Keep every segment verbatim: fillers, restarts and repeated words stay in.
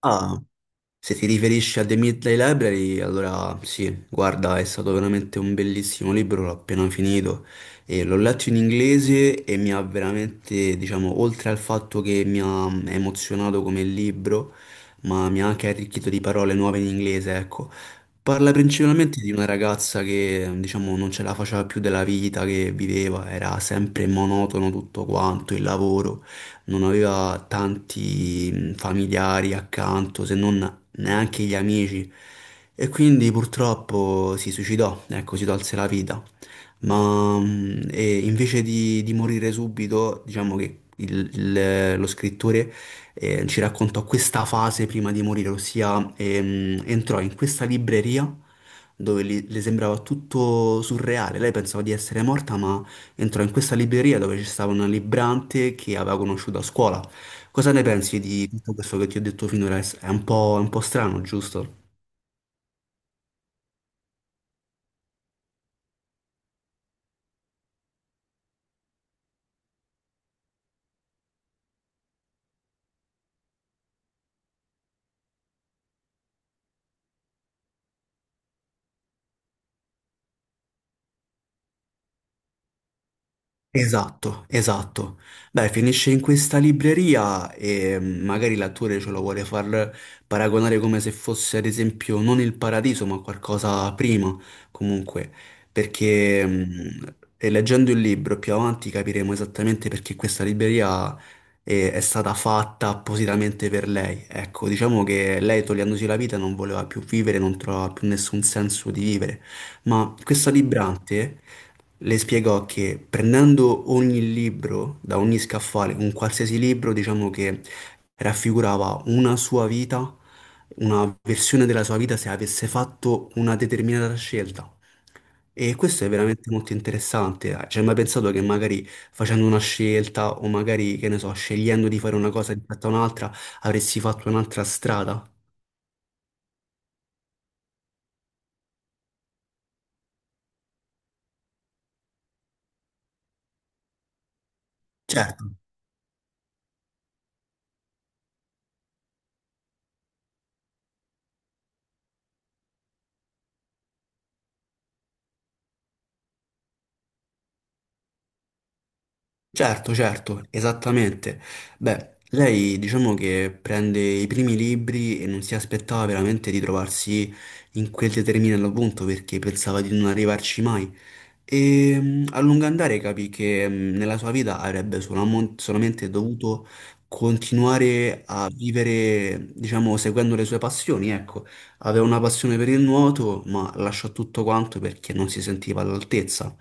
Ah, se ti riferisci a The Midnight Library, allora sì, guarda, è stato veramente un bellissimo libro, l'ho appena finito e l'ho letto in inglese e mi ha veramente, diciamo, oltre al fatto che mi ha emozionato come libro, ma mi ha anche arricchito di parole nuove in inglese, ecco. Parla principalmente di una ragazza che, diciamo, non ce la faceva più della vita che viveva, era sempre monotono tutto quanto, il lavoro non aveva tanti mm, familiari accanto se non neanche gli amici. E quindi purtroppo si suicidò, ecco, si tolse la vita. Ma mm, e invece di, di morire subito, diciamo che il- il- lo scrittore eh, ci raccontò questa fase prima di morire, ossia ehm, entrò in questa libreria dove li- le sembrava tutto surreale. Lei pensava di essere morta, ma entrò in questa libreria dove c'era una librante che aveva conosciuto a scuola. Cosa ne pensi di tutto questo che ti ho detto finora? È un po', è un po' strano, giusto? Esatto, esatto. Beh, finisce in questa libreria e mm, magari l'attore ce lo vuole far paragonare come se fosse, ad esempio, non il paradiso, ma qualcosa prima, comunque, perché mm, e leggendo il libro più avanti capiremo esattamente perché questa libreria è, è stata fatta appositamente per lei. Ecco, diciamo che lei togliendosi la vita non voleva più vivere, non trovava più nessun senso di vivere. Ma questa librante le spiegò che prendendo ogni libro da ogni scaffale, un qualsiasi libro, diciamo che raffigurava una sua vita, una versione della sua vita se avesse fatto una determinata scelta. E questo è veramente molto interessante. eh. Cioè, mai pensato che magari facendo una scelta o magari, che ne so, scegliendo di fare una cosa rispetto a un'altra, avresti fatto un'altra strada? Certo. Certo, certo, esattamente. Beh, lei diciamo che prende i primi libri e non si aspettava veramente di trovarsi in quel determinato punto perché pensava di non arrivarci mai. E mh, a lungo andare capì che mh, nella sua vita avrebbe solamo- solamente dovuto continuare a vivere, diciamo, seguendo le sue passioni, ecco. Aveva una passione per il nuoto, ma lasciò tutto quanto perché non si sentiva all'altezza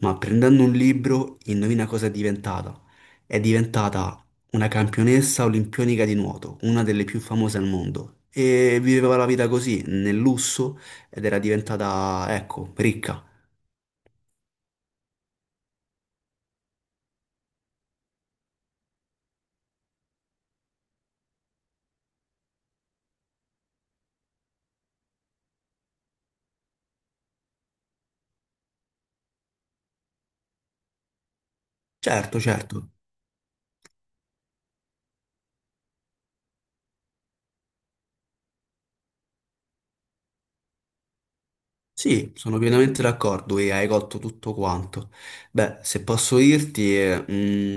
ma prendendo un libro, indovina cosa è diventata? È diventata una campionessa olimpionica di nuoto, una delle più famose al mondo. E viveva la vita così, nel lusso, ed era diventata, ecco, ricca. Certo, certo. Sì, sono pienamente d'accordo e hai colto tutto quanto. Beh, se posso dirti, eh,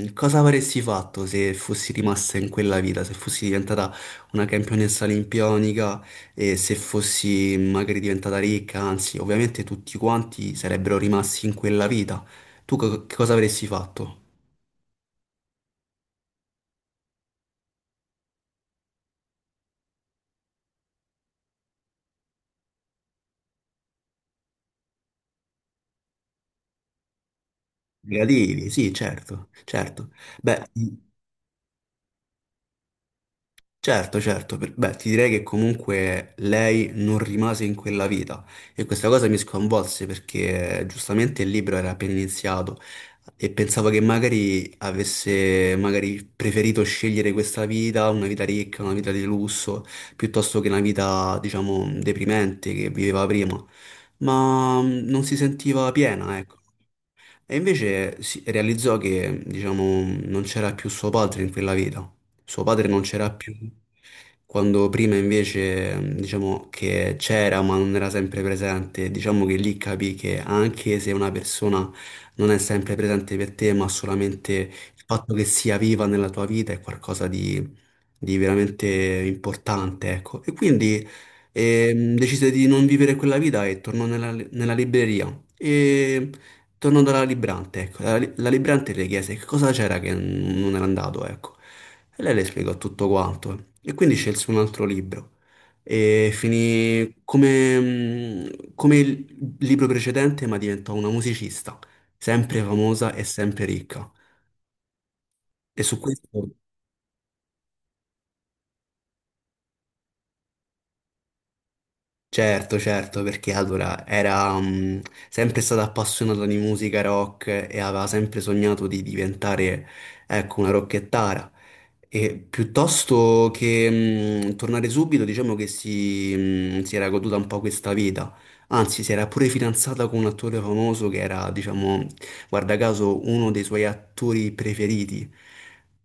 mh, cosa avresti fatto se fossi rimasta in quella vita, se fossi diventata una campionessa olimpionica e se fossi magari diventata ricca, anzi, ovviamente tutti quanti sarebbero rimasti in quella vita. Tu co- che cosa avresti fatto? Negativi, sì, certo, certo. Beh, Certo, certo, per- beh, ti direi che comunque lei non rimase in quella vita e questa cosa mi sconvolse perché eh, giustamente il libro era appena iniziato e pensavo che magari avesse magari preferito scegliere questa vita, una vita ricca, una vita di lusso, piuttosto che una vita, diciamo, deprimente che viveva prima, ma mm, non si sentiva piena, ecco. E invece si realizzò che, diciamo, non c'era più suo padre in quella vita. Suo padre non c'era più, quando prima invece, diciamo, che c'era ma non era sempre presente. Diciamo che lì capì che anche se una persona non è sempre presente per te, ma solamente il fatto che sia viva nella tua vita è qualcosa di, di veramente importante, ecco. E quindi ehm, decise di non vivere quella vita e tornò nella, nella libreria. E Torno dalla librante, ecco, la, la librante le chiese che cosa c'era che non era andato, ecco. E lei le spiegò tutto quanto. E quindi scelse un altro libro. E finì come, mh, come il libro precedente, ma diventò una musicista, sempre famosa e sempre ricca. E su questo. Certo, certo, perché allora era mm, sempre stata appassionata di musica rock e aveva sempre sognato di diventare, ecco, una rockettara. E piuttosto che mm, tornare subito, diciamo che si, mm, si era goduta un po' questa vita. Anzi, si era pure fidanzata con un attore famoso che era, diciamo, guarda caso, uno dei suoi attori preferiti.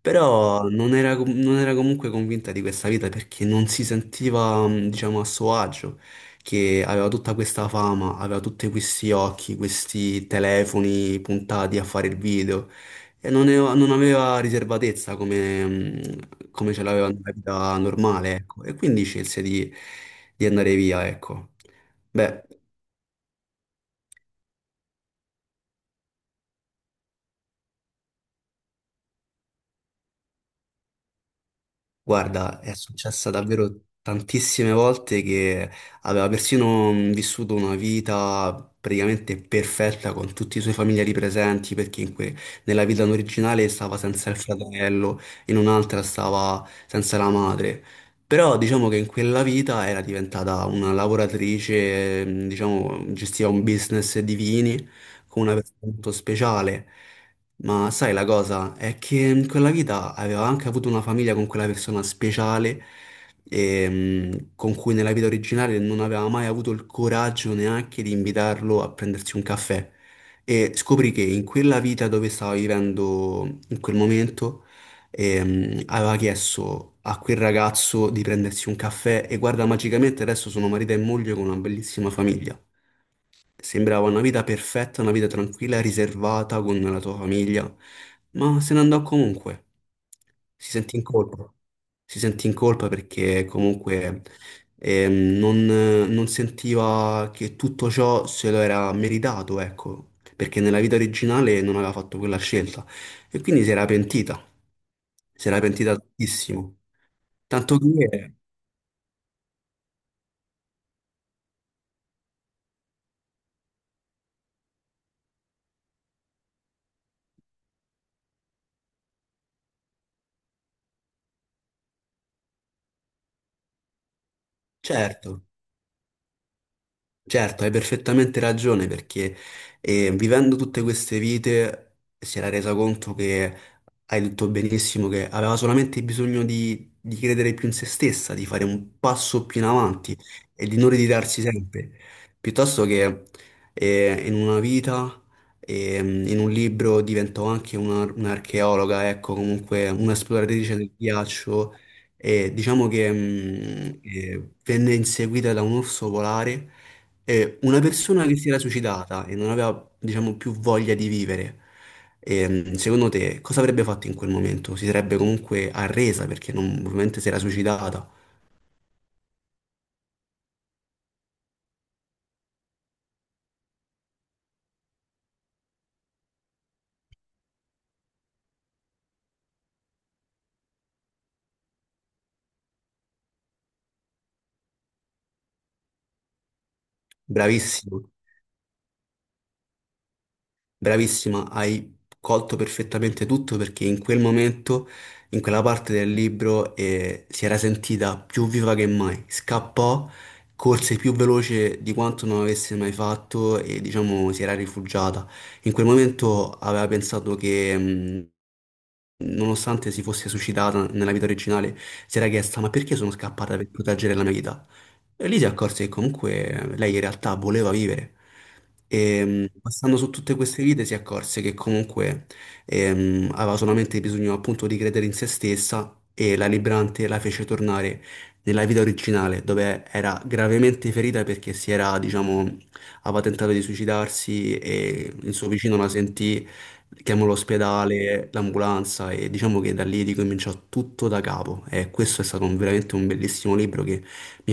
Però non era, com- non era comunque convinta di questa vita perché non si sentiva, mm, diciamo, a suo agio che aveva tutta questa fama, aveva tutti questi occhi, questi telefoni puntati a fare il video e non, ne- non aveva riservatezza come, mh, come ce l'aveva nella vita normale, ecco. E quindi scelse di, di andare via, ecco. Beh. Guarda, è successa davvero tantissime volte che aveva persino mh, vissuto una vita praticamente perfetta con tutti i suoi familiari presenti, perché in que- nella vita originale stava senza il fratello, in un'altra stava senza la madre. Però diciamo che in quella vita era diventata una lavoratrice, mh, diciamo, gestiva un business di vini con una persona molto speciale. Ma sai la cosa è che in quella vita aveva anche avuto una famiglia con quella persona speciale ehm, con cui nella vita originale non aveva mai avuto il coraggio neanche di invitarlo a prendersi un caffè. E scoprì che in quella vita dove stava vivendo in quel momento ehm, aveva chiesto a quel ragazzo di prendersi un caffè e guarda, magicamente adesso sono marito e moglie con una bellissima famiglia. Sembrava una vita perfetta, una vita tranquilla, riservata con la tua famiglia, ma se ne andò comunque. Si sentì in colpa. Si sentì in colpa perché comunque ehm, non, non sentiva che tutto ciò se lo era meritato, ecco, perché nella vita originale non aveva fatto quella scelta e quindi si era pentita. Si era pentita tantissimo. Tanto che, certo. Certo, hai perfettamente ragione perché eh, vivendo tutte queste vite si era resa conto che, hai detto benissimo, che aveva solamente bisogno di, di credere più in se stessa, di fare un passo più in avanti e di non ritirarsi sempre, piuttosto che eh, in una vita, ehm, in un libro diventò anche una- un'archeologa, ecco, comunque un'esploratrice del ghiaccio e diciamo che mh, eh, venne inseguita da un orso polare e una persona che si era suicidata e non aveva, diciamo, più voglia di vivere, ehm, secondo te cosa avrebbe fatto in quel momento? Si sarebbe comunque arresa perché non- ovviamente si era suicidata. Bravissimo. Bravissima, hai colto perfettamente tutto perché in quel momento, in quella parte del libro, eh, si era sentita più viva che mai. Scappò, corse più veloce di quanto non avesse mai fatto e diciamo si era rifugiata. In quel momento aveva pensato che, mh, nonostante si fosse suicidata nella vita originale, si era chiesta: ma perché sono scappata per proteggere la mia vita? E lì si accorse che comunque eh, lei in realtà voleva vivere. E mh, passando su tutte queste vite si accorse che comunque ehm, aveva solamente bisogno appunto di credere in se stessa e la Librante la fece tornare nella vita originale dove era gravemente ferita perché si era, diciamo, aveva tentato di suicidarsi e il suo vicino la sentì, chiamò l'ospedale, l'ambulanza e diciamo che da lì ricominciò tutto da capo. E questo è stato un- veramente un bellissimo libro. Mi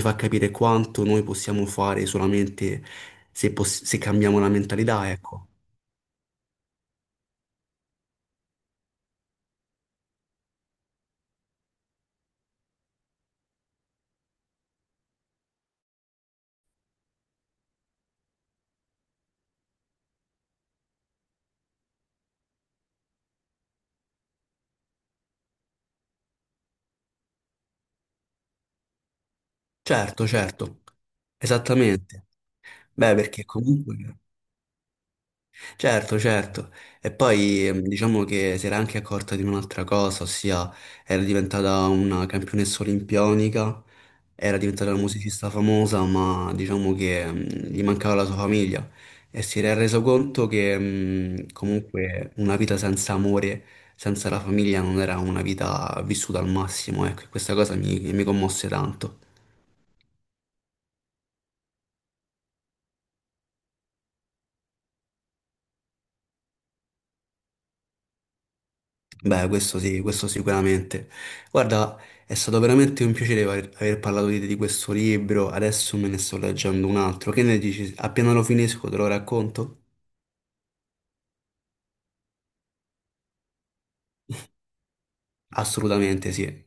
fa capire quanto noi possiamo fare solamente se, poss- se cambiamo la mentalità, ecco. Certo, certo, esattamente. Beh, perché comunque... Certo, certo. E poi ehm, diciamo che si era anche accorta di un'altra cosa, ossia era diventata una campionessa olimpionica, era diventata una musicista famosa, ma diciamo che ehm, gli mancava la sua famiglia e si era reso conto che ehm, comunque una vita senza amore, senza la famiglia non era una vita vissuta al massimo, ecco, e questa cosa mi, mi commosse tanto. Beh, questo sì, questo sicuramente. Guarda, è stato veramente un piacere aver, aver parlato di, di questo libro, adesso me ne sto leggendo un altro. Che ne dici? Appena lo finisco te lo racconto? Assolutamente sì.